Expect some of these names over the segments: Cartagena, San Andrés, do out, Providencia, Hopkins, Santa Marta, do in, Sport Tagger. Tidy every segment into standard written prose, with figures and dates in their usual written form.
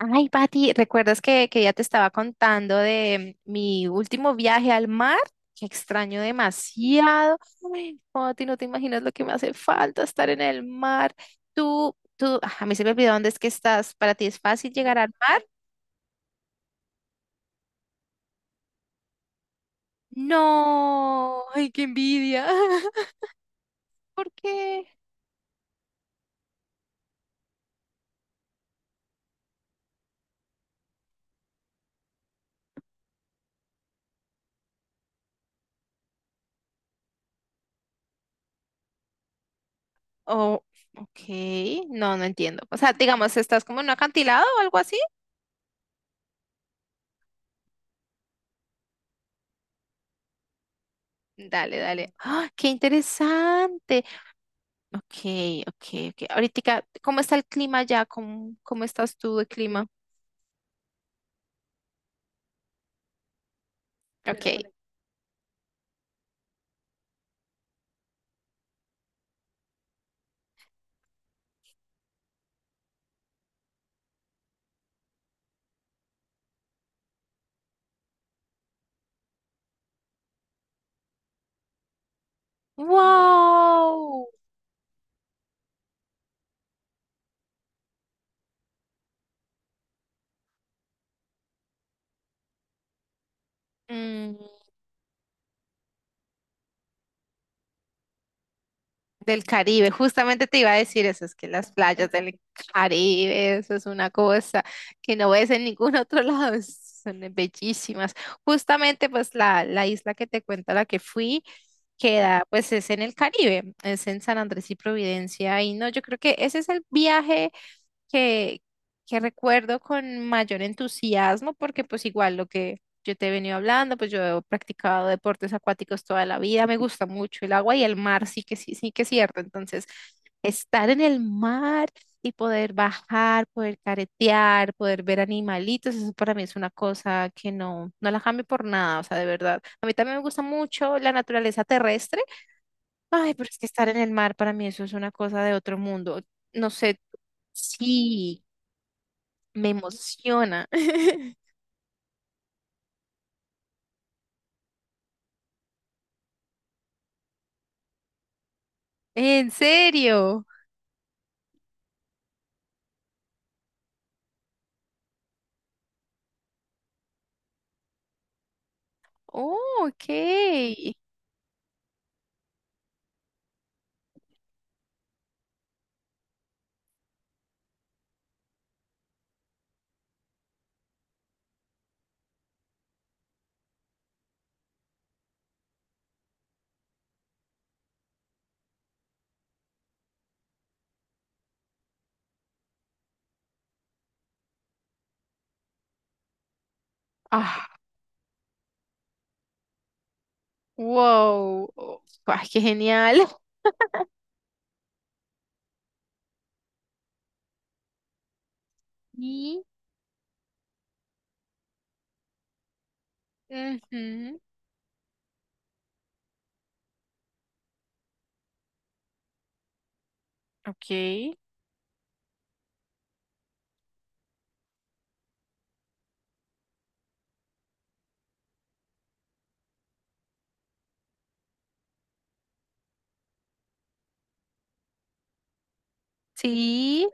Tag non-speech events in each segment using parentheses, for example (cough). Ay, Pati, ¿recuerdas que ya te estaba contando de mi último viaje al mar? Que extraño demasiado. Ay, Pati, no te imaginas lo que me hace falta estar en el mar. A mí se me olvidó dónde es que estás. ¿Para ti es fácil llegar al mar? No, ay, qué envidia. (laughs) ¿Por qué? Oh, ok, no entiendo. O sea, digamos, ¿estás como en un acantilado o algo así? Dale, dale. ¡Ah, qué interesante! Ok, ok, ok. Ahorita, ¿cómo está el clima ya? ¿Cómo estás tú de clima? Ok. ¡Wow! Mm, Del Caribe, justamente te iba a decir eso, es que las playas (laughs) del Caribe, eso es una cosa que no ves en ningún otro (laughs) lado, son bellísimas. Justamente, pues la isla que te cuento, a la que fui, queda, pues es en el Caribe, es en San Andrés y Providencia, y no, yo creo que ese es el viaje, que, que recuerdo con mayor entusiasmo, porque pues igual lo que yo te he venido hablando, pues yo he practicado deportes acuáticos toda la vida, me gusta mucho el agua y el mar, sí que sí, sí que es cierto. Entonces, estar en el mar y poder bajar, poder caretear, poder ver animalitos, eso para mí es una cosa que no, no la cambio por nada, o sea, de verdad. A mí también me gusta mucho la naturaleza terrestre. Ay, pero es que estar en el mar para mí eso es una cosa de otro mundo. No sé, sí, me emociona. (laughs) ¿En serio? Oh, ok. Ah, wow. Oh, ah, qué genial. Y, ujú, ok. Sí.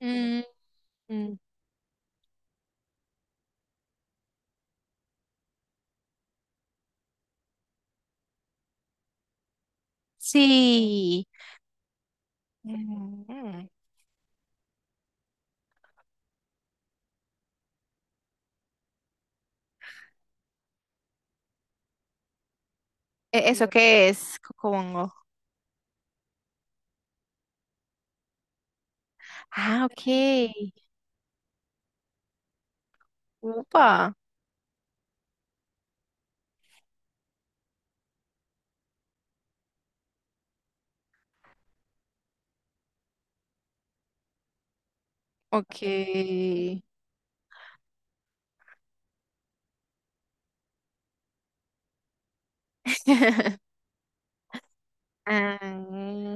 Mm, mm, sí. Mm. ¿Eso qué es, Cocobongo? Ah, ok. Upa. Ok. (laughs) Ah,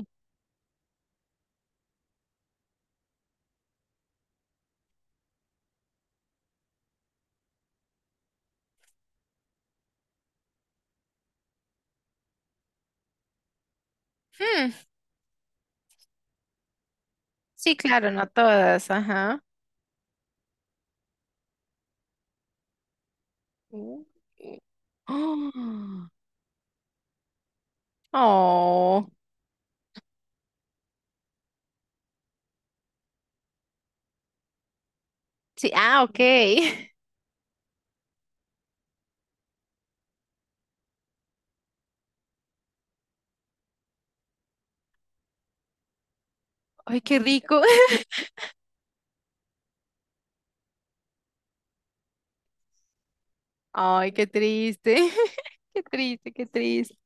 hmm, sí, claro, no todas. Ajá. Uh. Oh. (gasps) Oh, sí, ah, ok. (laughs) Ay, qué rico. (laughs) Ay, qué triste. (laughs) Qué triste, qué triste.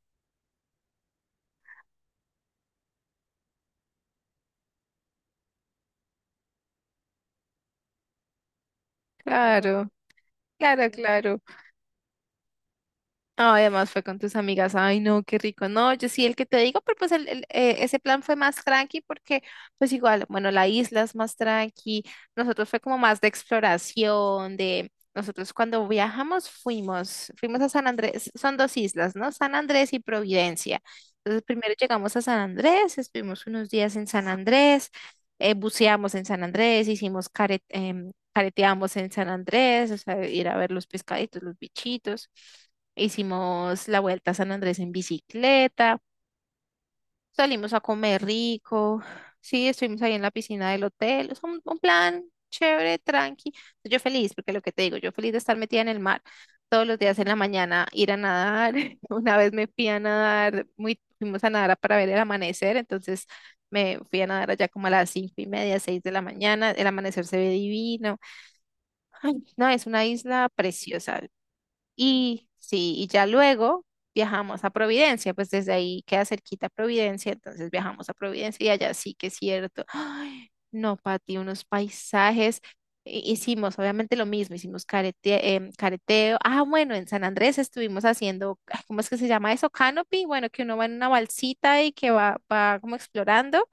Claro, claro, claro. Ah, además fue con tus amigas. Ay, no, qué rico. No, yo sí, el que te digo, pero pues ese plan fue más tranqui porque pues igual, bueno, la isla es más tranqui. Nosotros fue como más de exploración, de nosotros cuando viajamos fuimos, a San Andrés, son dos islas, ¿no? San Andrés y Providencia. Entonces primero llegamos a San Andrés, estuvimos unos días en San Andrés, buceamos en San Andrés, hicimos careteamos en San Andrés, o sea, ir a ver los pescaditos, los bichitos. Hicimos la vuelta a San Andrés en bicicleta, salimos a comer rico, sí, estuvimos ahí en la piscina del hotel, es un plan chévere, tranqui. Yo feliz, porque lo que te digo, yo feliz de estar metida en el mar todos los días en la mañana, ir a nadar. (laughs) Una vez me fui a nadar, fuimos a nadar para ver el amanecer, entonces me fui a nadar allá como a las 5:30, 6 de la mañana, el amanecer se ve divino. Ay, no, es una isla preciosa. Y sí, y ya luego viajamos a Providencia, pues desde ahí queda cerquita Providencia, entonces viajamos a Providencia y allá sí que es cierto. Ay, no, Pati, unos paisajes. Hicimos obviamente lo mismo, hicimos careteo. Ah, bueno, en San Andrés estuvimos haciendo, ¿cómo es que se llama eso? Canopy, bueno, que uno va en una balsita y que va como explorando.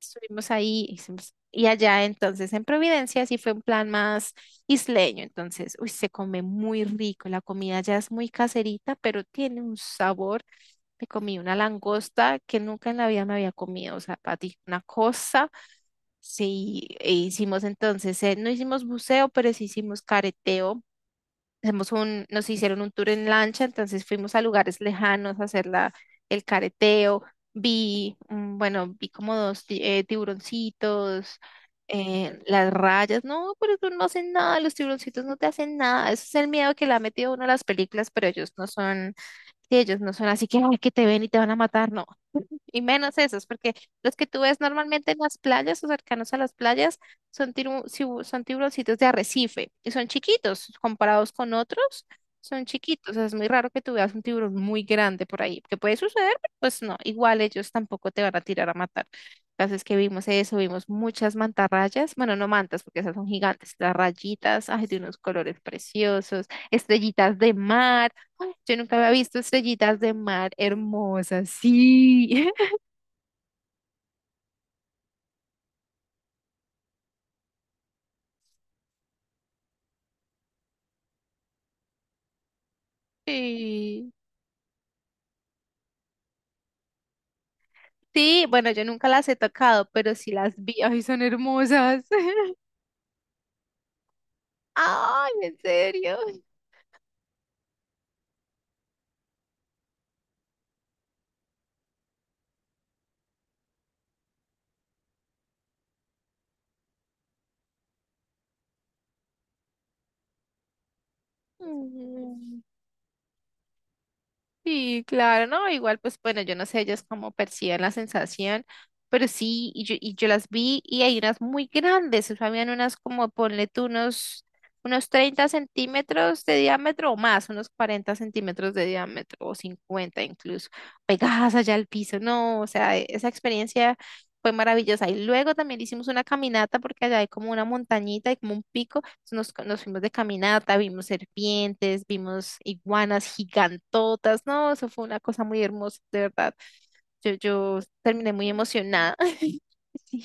Estuvimos ahí y allá, entonces en Providencia sí fue un plan más isleño, entonces, uy, se come muy rico, la comida ya es muy caserita, pero tiene un sabor. Me comí una langosta que nunca en la vida me había comido, o sea, Pati, una cosa. Sí, e hicimos entonces, no hicimos buceo, pero sí hicimos careteo, nos hicieron un tour en lancha, entonces fuimos a lugares lejanos a hacer el careteo. Vi como dos tiburoncitos, las rayas. No, pero eso no hacen nada, los tiburoncitos no te hacen nada. Ese es el miedo que le ha metido uno a las películas, pero ellos no son, sí, ellos no son así que: "Ay, que te ven y te van a matar". No, y menos esos, porque los que tú ves normalmente en las playas o cercanos a las playas son tiburoncitos de arrecife y son chiquitos comparados con otros, son chiquitos. O sea, es muy raro que tú veas un tiburón muy grande por ahí, que puede suceder, pero pues no, igual ellos tampoco te van a tirar a matar. Entonces que vimos eso, vimos muchas mantarrayas, bueno, no mantas porque esas son gigantes, las rayitas, ay, de unos colores preciosos, estrellitas de mar. Ay, yo nunca había visto estrellitas de mar hermosas, sí. (laughs) Sí, sí, bueno, yo nunca las he tocado, pero sí las vi. Ay, son hermosas. (laughs) Ay, en serio. Mm. Sí, claro, no, igual pues bueno, yo no sé ellas cómo perciben la sensación, pero sí, y yo las vi y hay unas muy grandes, o sea, habían unas como, ponle tú unos, 30 centímetros de diámetro o más, unos 40 centímetros de diámetro o 50 incluso, pegadas allá al piso, no, o sea, esa experiencia fue maravillosa. Y luego también hicimos una caminata porque allá hay como una montañita y como un pico nos fuimos de caminata, vimos serpientes, vimos iguanas gigantotas. No, eso fue una cosa muy hermosa, de verdad. Yo terminé muy emocionada. (laughs) Sí.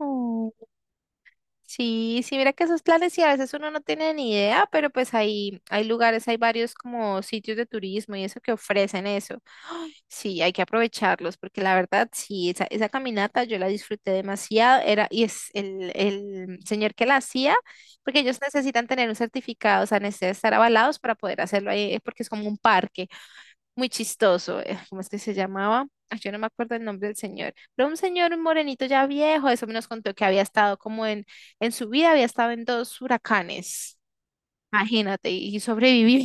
Oh. Sí, sí, mira que esos planes sí, a veces uno no tiene ni idea, pero pues hay, lugares, hay varios como sitios de turismo y eso que ofrecen eso. Sí, hay que aprovecharlos porque la verdad, sí, esa caminata yo la disfruté demasiado. Era, y es el señor que la hacía, porque ellos necesitan tener un certificado, o sea, necesitan estar avalados para poder hacerlo ahí, porque es como un parque muy chistoso. ¿Cómo es que se llamaba? Ah, yo no me acuerdo el nombre del señor, pero un señor, un morenito ya viejo, eso nos contó que había estado como en su vida, había estado en dos huracanes, imagínate, y sobrevivió.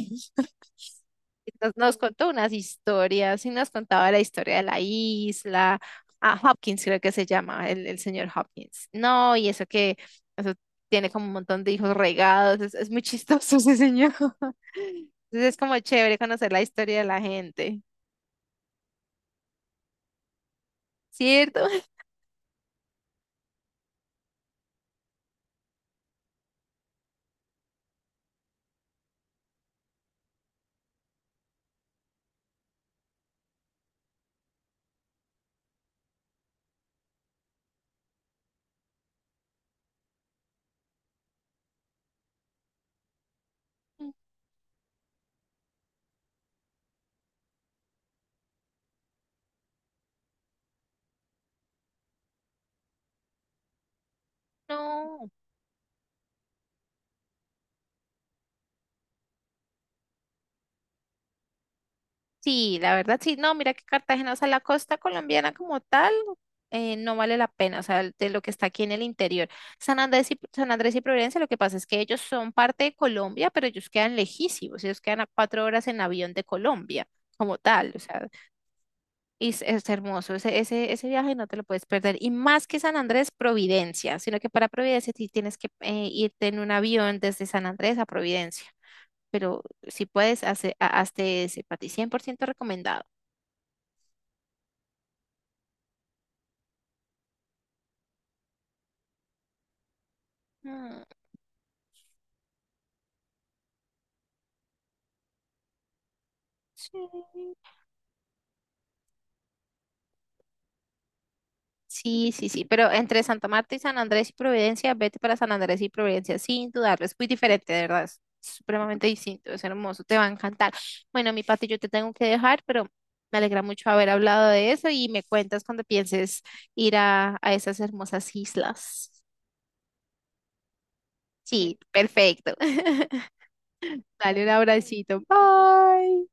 Nos contó unas historias y nos contaba la historia de la isla. Ah, Hopkins creo que se llama, el señor Hopkins. No, y eso que eso tiene como un montón de hijos regados. Es muy chistoso ese señor. (laughs) Entonces es como chévere conocer la historia de la gente, ¿cierto? (laughs) No. Sí, la verdad sí, no, mira que Cartagena, o sea, la costa colombiana como tal, no vale la pena, o sea, de lo que está aquí en el interior. San Andrés y Providencia, lo que pasa es que ellos son parte de Colombia, pero ellos quedan lejísimos, ellos quedan a 4 horas en avión de Colombia como tal, o sea, y es hermoso, ese viaje no te lo puedes perder. Y más que San Andrés, Providencia, sino que para Providencia sí tienes que irte en un avión desde San Andrés a Providencia, pero si puedes, hazte ese, para ti 100% recomendado. Mm. Sí, sí, sí, sí, pero entre Santa Marta y San Andrés y Providencia, vete para San Andrés y Providencia, sin dudarlo, es muy diferente, de verdad, es supremamente distinto, es hermoso, te va a encantar. Bueno, mi Pati, yo te tengo que dejar, pero me alegra mucho haber hablado de eso y me cuentas cuando pienses ir a esas hermosas islas. Sí, perfecto. (laughs) Dale un abracito, bye.